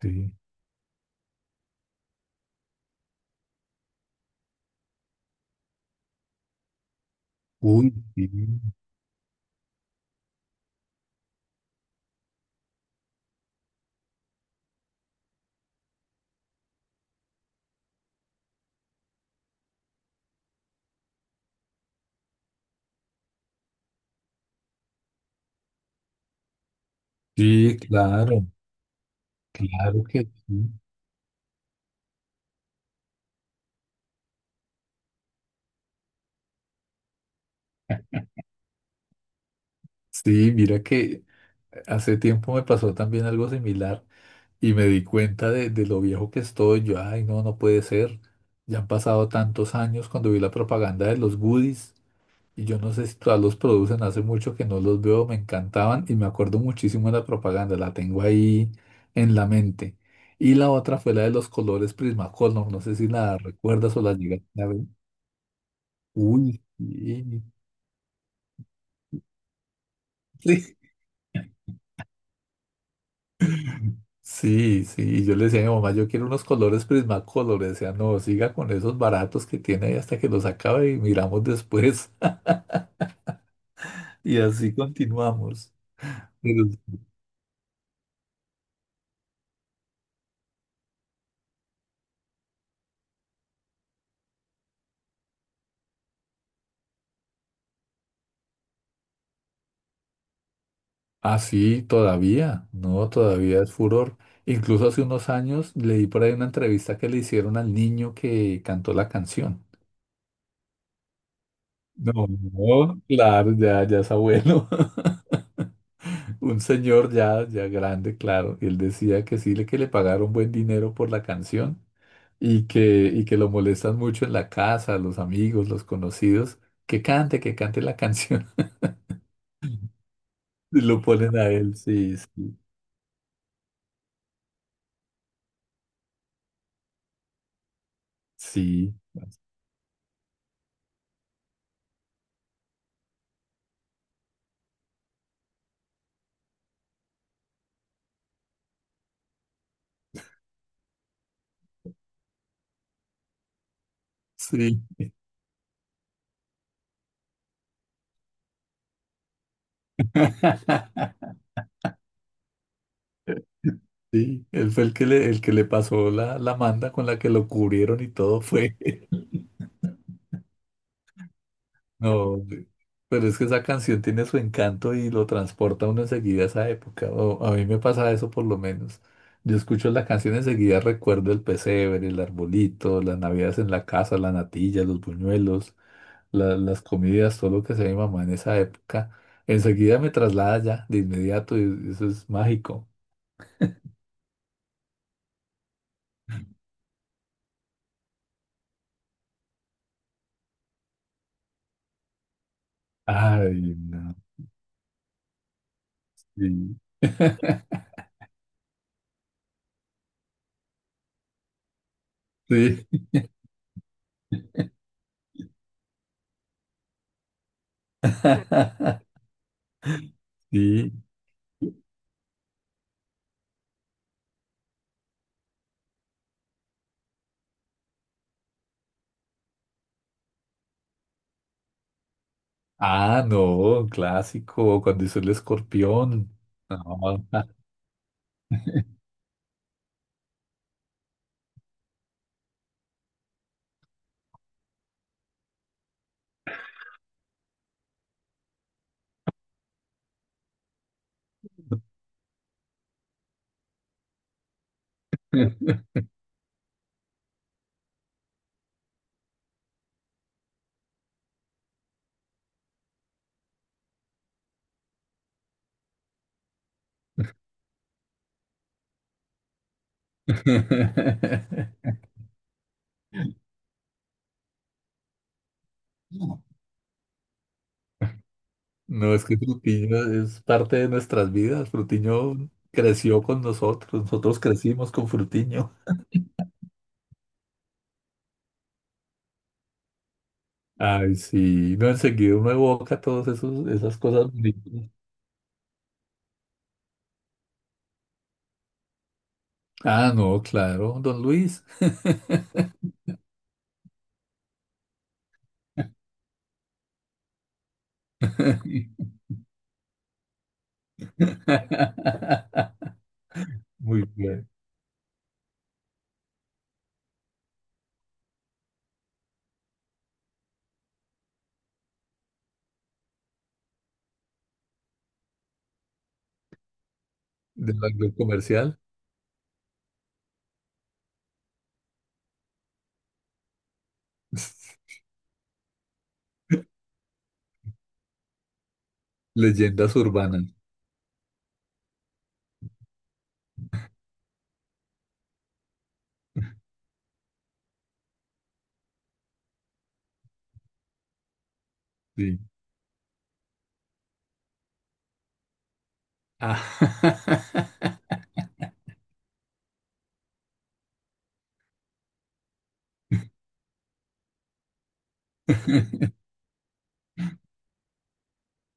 Sí. Uy, sí, sí, claro, claro que sí. Sí, mira que hace tiempo me pasó también algo similar y me di cuenta de lo viejo que estoy. Yo, ay, no, no puede ser. Ya han pasado tantos años cuando vi la propaganda de los goodies y yo no sé si todavía los producen, hace mucho que no los veo, me encantaban y me acuerdo muchísimo de la propaganda, la tengo ahí en la mente. Y la otra fue la de los colores Prismacolor, no sé si la recuerdas o la llegaste a ver. Uy, sí. Sí, sí, sí. Y yo le decía a mi mamá, yo quiero unos colores Prismacolor. Le decía, no, siga con esos baratos que tiene ahí hasta que los acabe y miramos después. Y así continuamos. Pero- Ah, sí, todavía, no, todavía es furor. Incluso hace unos años leí por ahí una entrevista que le hicieron al niño que cantó la canción. No, no, claro, ya, ya es abuelo. Un señor ya, ya grande, claro. Y él decía que sí, le que le pagaron buen dinero por la canción y que lo molestan mucho en la casa, los amigos, los conocidos, que cante la canción. Y lo ponen a él, sí, sí, sí. Sí. Sí, él fue el que le pasó la, la manda con la que lo cubrieron y todo fue. No, pero es que esa canción tiene su encanto y lo transporta a uno enseguida a esa época. O a mí me pasa eso por lo menos. Yo escucho la canción enseguida recuerdo el pesebre, el arbolito, las navidades en la casa, la natilla, los buñuelos, la- las comidas, todo lo que hacía mi mamá en esa época. Enseguida me traslada ya, de inmediato, y eso es mágico. Ay, no. Sí. Sí. Sí. Ah, no, clásico, cuando hizo el escorpión. No, no es que Frutiño es parte de nuestras vidas. Frutiño creció con nosotros, nosotros crecimos con Frutiño. Ay, sí, no, enseguida uno evoca todas esos, esas cosas bonitas. Ah, no, claro, don Luis. Muy bien. Del ámbito comercial. Leyendas urbanas. Sí. Ah.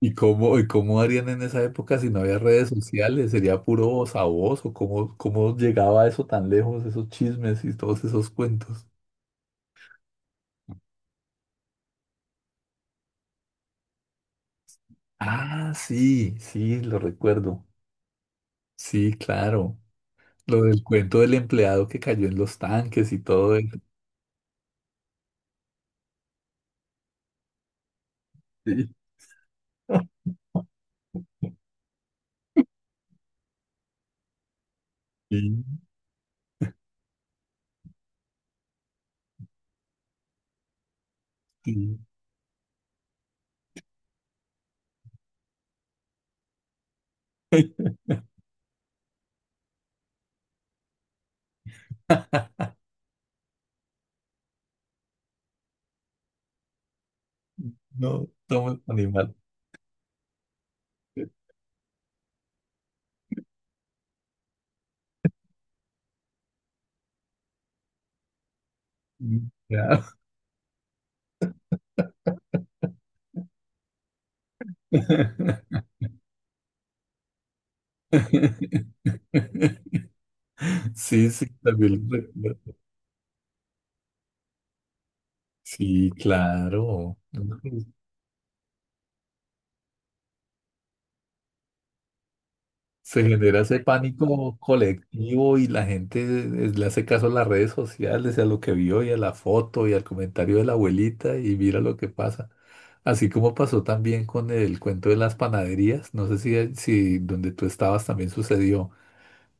y cómo harían en esa época si no había redes sociales? ¿Sería puro voz a voz? ¿O cómo, cómo llegaba eso tan lejos, esos chismes y todos esos cuentos? Ah, sí, sí, lo recuerdo. Sí, claro. Lo del cuento del empleado que cayó en los tanques y todo eso. Sí, sí, sí. No, somos animal. Ya. Sí, sí, también, lo recuerdo. Sí, claro, ¿no? Pues, se genera ese pánico colectivo y la gente le hace caso a las redes sociales, y a lo que vio y a la foto y al comentario de la abuelita y mira lo que pasa. Así como pasó también con el cuento de las panaderías, no sé si, si donde tú estabas también sucedió.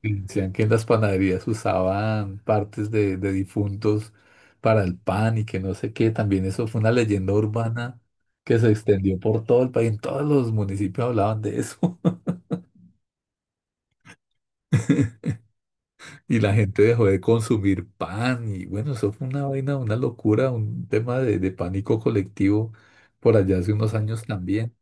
Y decían que en las panaderías usaban partes de difuntos para el pan y que no sé qué. También eso fue una leyenda urbana que se extendió por todo el país. En todos los municipios hablaban de eso. Y la gente dejó de consumir pan. Y bueno, eso fue una vaina, una locura, un tema de pánico colectivo por allá hace unos años también.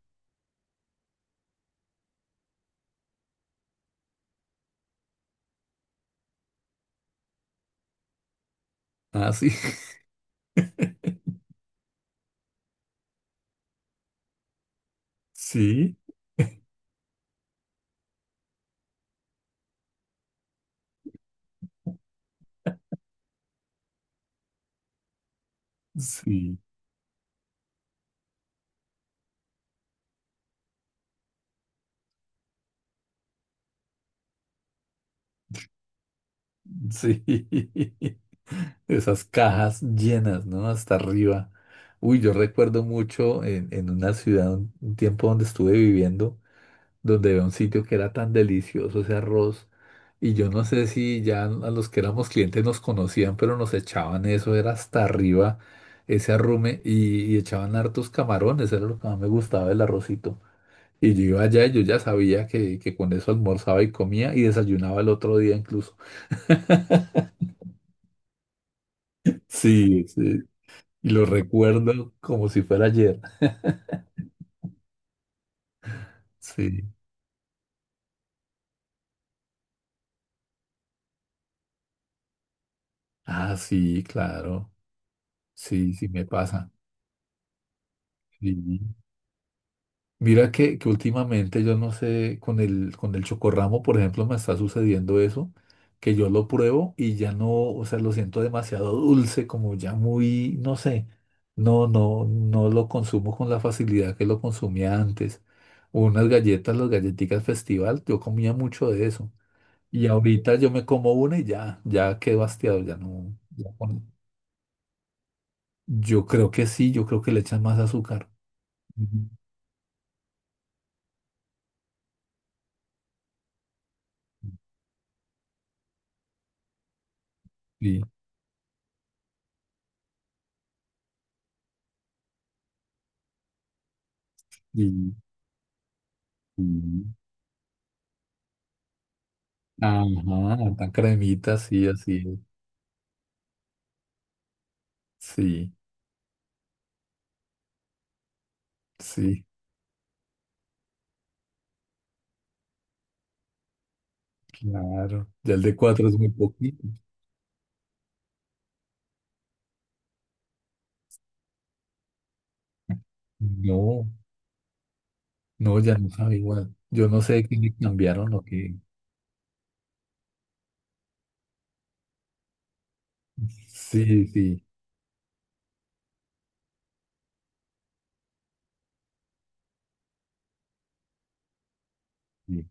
Ah, sí. Sí, sí. Sí, esas cajas llenas, ¿no? Hasta arriba. Uy, yo recuerdo mucho en una ciudad, un tiempo donde estuve viviendo, donde había un sitio que era tan delicioso ese arroz. Y yo no sé si ya a los que éramos clientes nos conocían, pero nos echaban eso, era hasta arriba ese arrume y echaban hartos camarones, era lo que más me gustaba del arrocito. Y yo iba allá y yo ya sabía que con eso almorzaba y comía y desayunaba el otro día incluso. Sí, sí, y lo recuerdo como si fuera ayer. Sí. Ah, sí, claro. Sí, sí me pasa. Sí. Mira que últimamente yo no sé, con el chocorramo, por ejemplo, me está sucediendo eso, que yo lo pruebo y ya no, o sea, lo siento demasiado dulce, como ya muy, no sé, no, no, no lo consumo con la facilidad que lo consumía antes. Unas galletas, las galletitas festival, yo comía mucho de eso. Y ahorita yo me como una y ya, ya quedo hastiado, ya no. Ya con- Yo creo que sí, yo creo que le echan más azúcar. Ujú. Sí, sí, sí. Ajá, tan cremita, sí, así es. Sí, sí, claro. Ya el de cuatro es muy poquito. No, no, ya no sabe igual. Yo no sé qué le cambiaron o qué. Sí, sí, sí,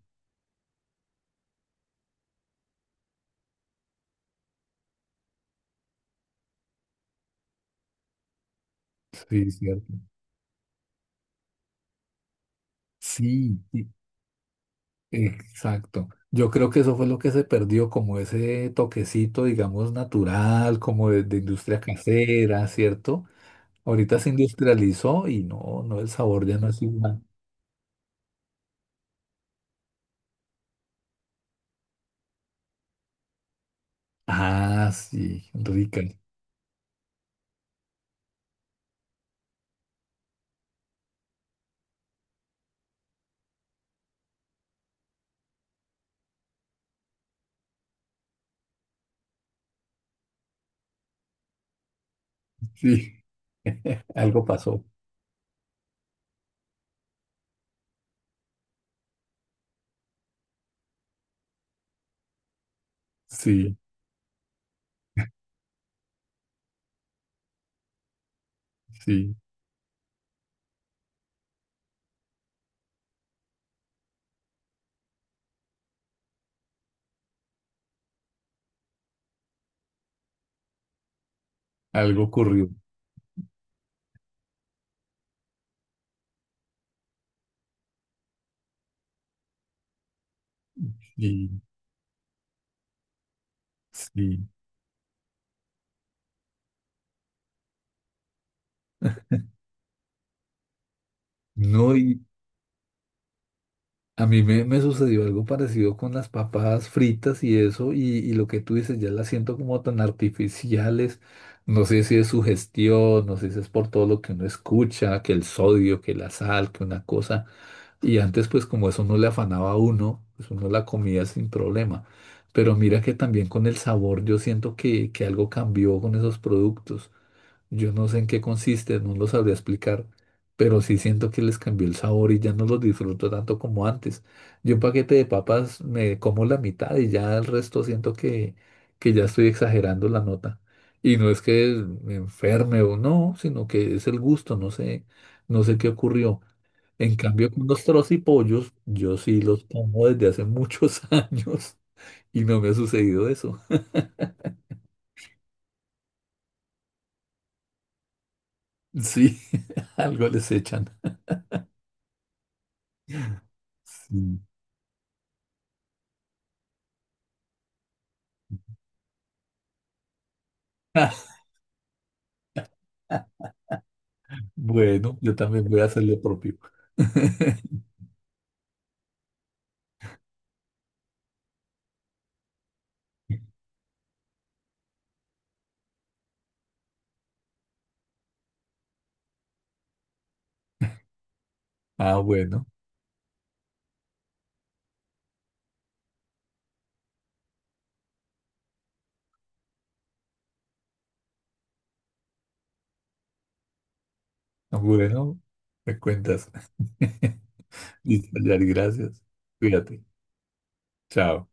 sí, cierto. Sí, sí. Exacto. Yo creo que eso fue lo que se perdió, como ese toquecito, digamos, natural, como de industria casera, ¿cierto? Ahorita se industrializó y no, no, el sabor ya no es igual. Ah, sí, rica. Sí, algo pasó. Sí, sí, algo ocurrió. Sí, sí. No, a mí me, me sucedió algo parecido con las papas fritas y eso, y lo que tú dices, ya las siento como tan artificiales. No sé si es su gestión, no sé si es por todo lo que uno escucha, que el sodio, que la sal, que una cosa. Y antes, pues como eso no le afanaba a uno, pues uno la comía sin problema. Pero mira que también con el sabor yo siento que algo cambió con esos productos. Yo no sé en qué consiste, no lo sabría explicar, pero sí siento que les cambió el sabor y ya no los disfruto tanto como antes. Yo un paquete de papas me como la mitad y ya el resto siento que ya estoy exagerando la nota. Y no es que me enferme o no, sino que es el gusto, no sé, no sé qué ocurrió. En cambio, con los trocipollos, yo sí los como desde hace muchos años y no me ha sucedido eso. Sí, algo les echan. Sí. Bueno, yo también voy a hacer lo propio. Ah, bueno, bueno, me cuentas. Listo, Yari, gracias. Cuídate. Chao.